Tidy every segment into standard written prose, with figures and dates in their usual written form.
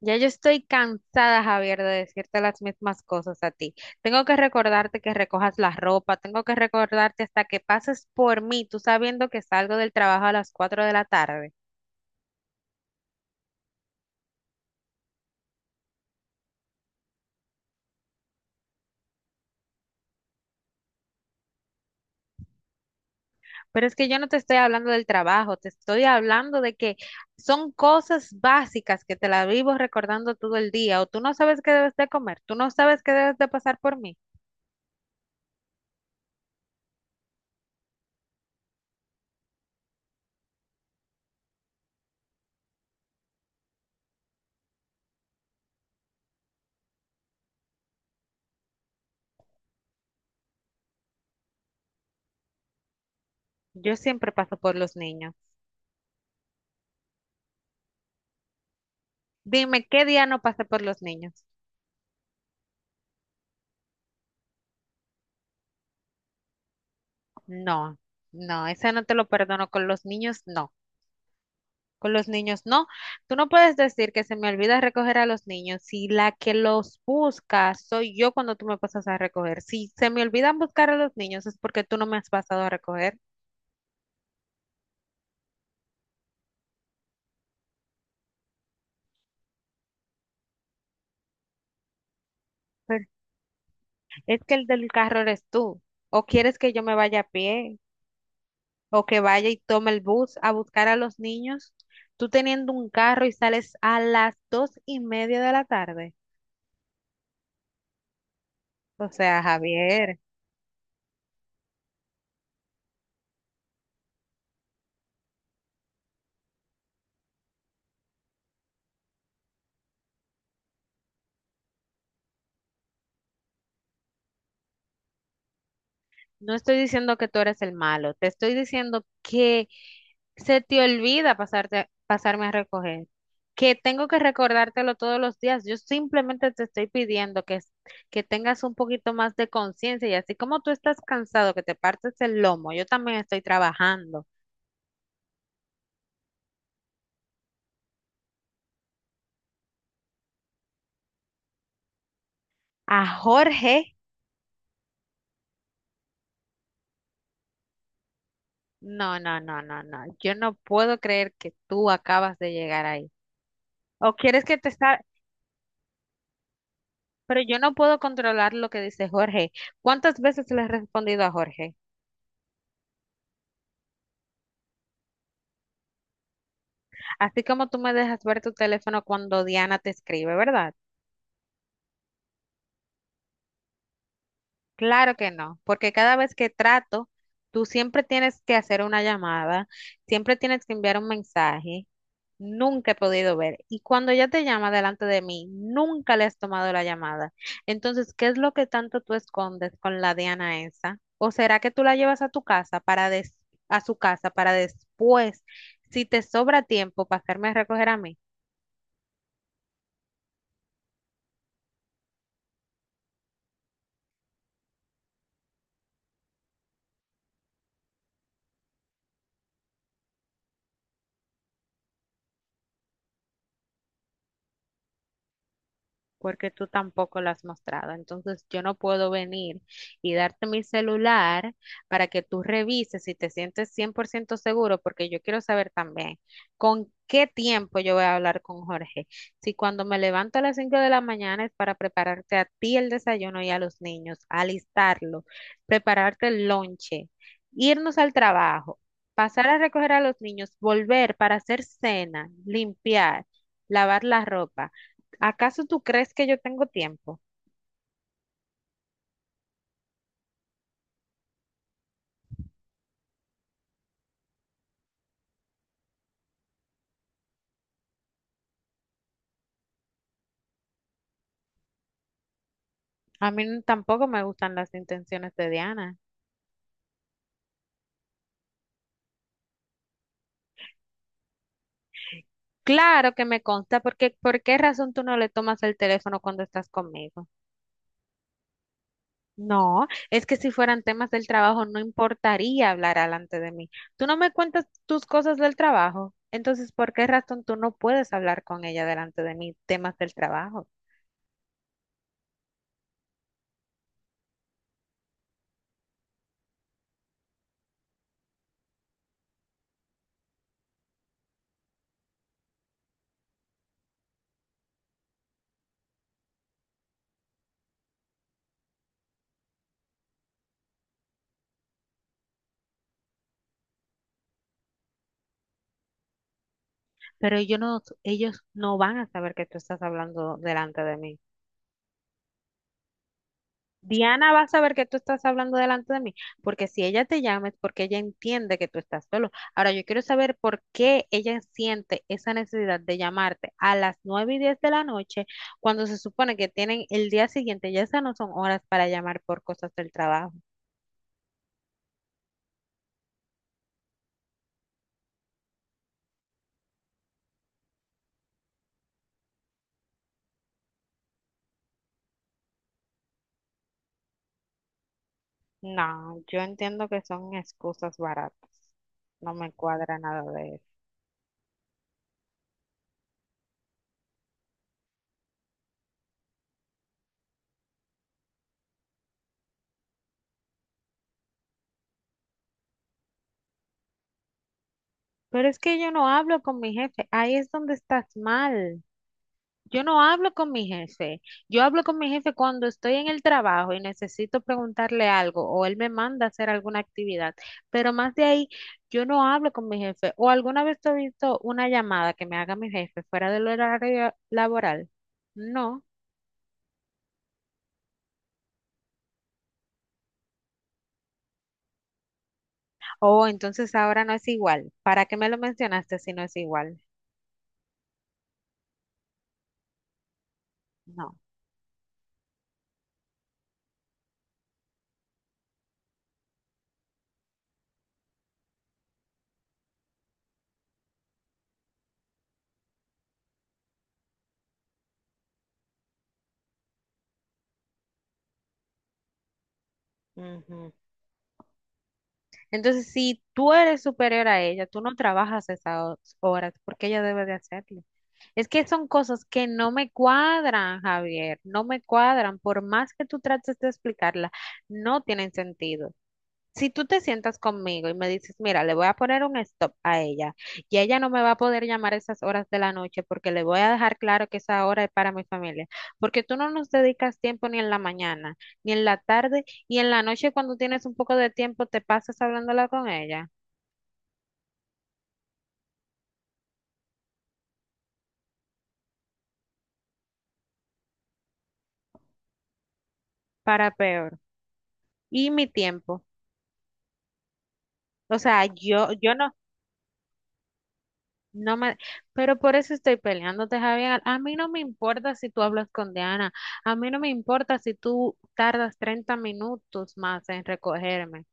Ya yo estoy cansada, Javier, de decirte las mismas cosas a ti. Tengo que recordarte que recojas la ropa, tengo que recordarte hasta que pases por mí, tú sabiendo que salgo del trabajo a las 4 de la tarde. Pero es que yo no te estoy hablando del trabajo, te estoy hablando de que son cosas básicas que te las vivo recordando todo el día, o tú no sabes qué debes de comer, tú no sabes qué debes de pasar por mí. Yo siempre paso por los niños. Dime, ¿qué día no pasé por los niños? No, no, ese no te lo perdono con los niños, no. Con los niños, no. Tú no puedes decir que se me olvida recoger a los niños si la que los busca soy yo cuando tú me pasas a recoger. Si se me olvidan buscar a los niños es porque tú no me has pasado a recoger. Pero es que el del carro eres tú. O quieres que yo me vaya a pie o que vaya y tome el bus a buscar a los niños. Tú teniendo un carro y sales a las 2:30 de la tarde. O sea, Javier. No estoy diciendo que tú eres el malo, te estoy diciendo que se te olvida pasarte, pasarme a recoger, que tengo que recordártelo todos los días. Yo simplemente te estoy pidiendo que, que tengas un poquito más de conciencia y así como tú estás cansado, que te partes el lomo, yo también estoy trabajando. A Jorge, no, no, no, no, no. Yo no puedo creer que tú acabas de llegar ahí. O quieres que te está, pero yo no puedo controlar lo que dice Jorge. ¿Cuántas veces le has respondido a Jorge? Así como tú me dejas ver tu teléfono cuando Diana te escribe, ¿verdad? Claro que no, porque cada vez que trato, tú siempre tienes que hacer una llamada, siempre tienes que enviar un mensaje. Nunca he podido ver. Y cuando ella te llama delante de mí, nunca le has tomado la llamada. Entonces, ¿qué es lo que tanto tú escondes con la Diana esa? ¿O será que tú la llevas a tu casa para a su casa para después, si te sobra tiempo, pasarme a recoger a mí? Porque tú tampoco la has mostrado. Entonces yo no puedo venir y darte mi celular para que tú revises si te sientes 100% seguro, porque yo quiero saber también con qué tiempo yo voy a hablar con Jorge. Si cuando me levanto a las 5 de la mañana es para prepararte a ti el desayuno y a los niños, alistarlo, prepararte el lonche, irnos al trabajo. Pasar a recoger a los niños, volver para hacer cena, limpiar, lavar la ropa. ¿Acaso tú crees que yo tengo tiempo? A mí tampoco me gustan las intenciones de Diana. Claro que me consta, porque ¿por qué razón tú no le tomas el teléfono cuando estás conmigo? No, es que si fueran temas del trabajo no importaría hablar delante de mí. Tú no me cuentas tus cosas del trabajo, entonces ¿por qué razón tú no puedes hablar con ella delante de mí temas del trabajo? Pero yo no, ellos no van a saber que tú estás hablando delante de mí. Diana va a saber que tú estás hablando delante de mí, porque si ella te llama es porque ella entiende que tú estás solo. Ahora, yo quiero saber por qué ella siente esa necesidad de llamarte a las 9:10 de la noche, cuando se supone que tienen el día siguiente, ya esas no son horas para llamar por cosas del trabajo. No, yo entiendo que son excusas baratas. No me cuadra nada de eso. Pero es que yo no hablo con mi jefe, ahí es donde estás mal. Yo no hablo con mi jefe. Yo hablo con mi jefe cuando estoy en el trabajo y necesito preguntarle algo o él me manda a hacer alguna actividad. Pero más de ahí, yo no hablo con mi jefe. ¿O alguna vez te he visto una llamada que me haga mi jefe fuera del horario laboral? No. Oh, entonces ahora no es igual. ¿Para qué me lo mencionaste si no es igual? No. Ujú. Entonces, si tú eres superior a ella, tú no trabajas esas horas porque ella debe de hacerlo. Es que son cosas que no me cuadran, Javier, no me cuadran. Por más que tú trates de explicarla, no tienen sentido. Si tú te sientas conmigo y me dices, mira, le voy a poner un stop a ella y ella no me va a poder llamar a esas horas de la noche porque le voy a dejar claro que esa hora es para mi familia, porque tú no nos dedicas tiempo ni en la mañana, ni en la tarde y en la noche cuando tienes un poco de tiempo te pasas hablándola con ella, para peor. Y mi tiempo. O sea, yo no. No me, pero por eso estoy peleándote, Javier. A mí no me importa si tú hablas con Diana. A mí no me importa si tú tardas 30 minutos más en recogerme.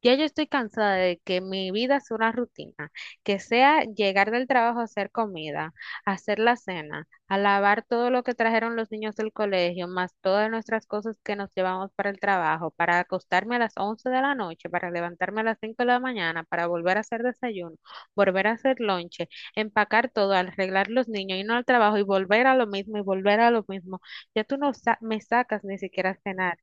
Ya yo estoy cansada de que mi vida sea una rutina, que sea llegar del trabajo a hacer comida, a hacer la cena, a lavar todo lo que trajeron los niños del colegio, más todas nuestras cosas que nos llevamos para el trabajo, para acostarme a las 11 de la noche, para levantarme a las 5 de la mañana, para volver a hacer desayuno, volver a hacer lonche, empacar todo, arreglar los niños, irnos al trabajo y volver a lo mismo y volver a lo mismo. Ya tú no me sacas ni siquiera a cenar.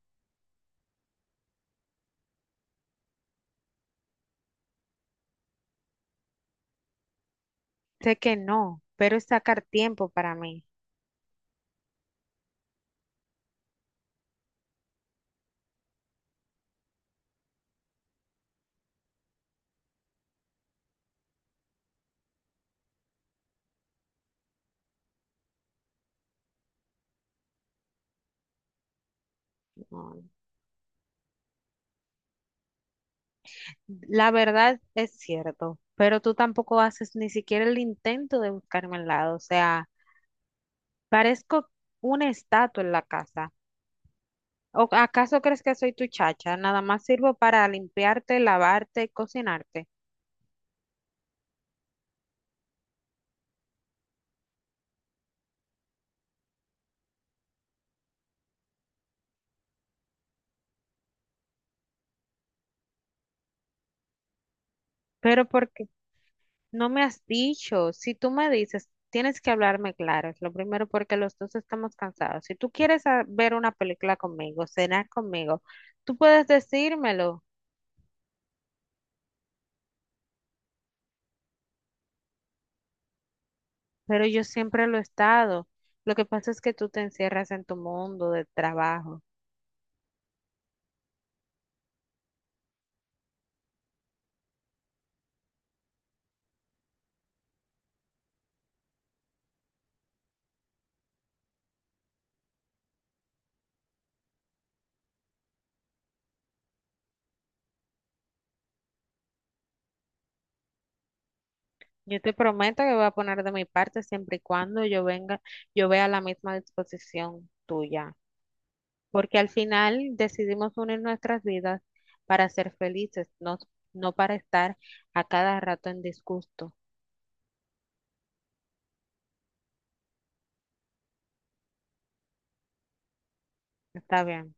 Sé que no, pero es sacar tiempo para mí. No. La verdad es cierto, pero tú tampoco haces ni siquiera el intento de buscarme al lado. O sea, parezco una estatua en la casa. ¿O acaso crees que soy tu chacha? Nada más sirvo para limpiarte, lavarte, cocinarte. Pero porque no me has dicho, si tú me dices, tienes que hablarme claro. Es lo primero porque los dos estamos cansados. Si tú quieres ver una película conmigo, cenar conmigo, tú puedes decírmelo. Pero yo siempre lo he estado. Lo que pasa es que tú te encierras en tu mundo de trabajo. Yo te prometo que voy a poner de mi parte siempre y cuando yo venga, yo vea la misma disposición tuya, porque al final decidimos unir nuestras vidas para ser felices, no, no para estar a cada rato en disgusto. Está bien.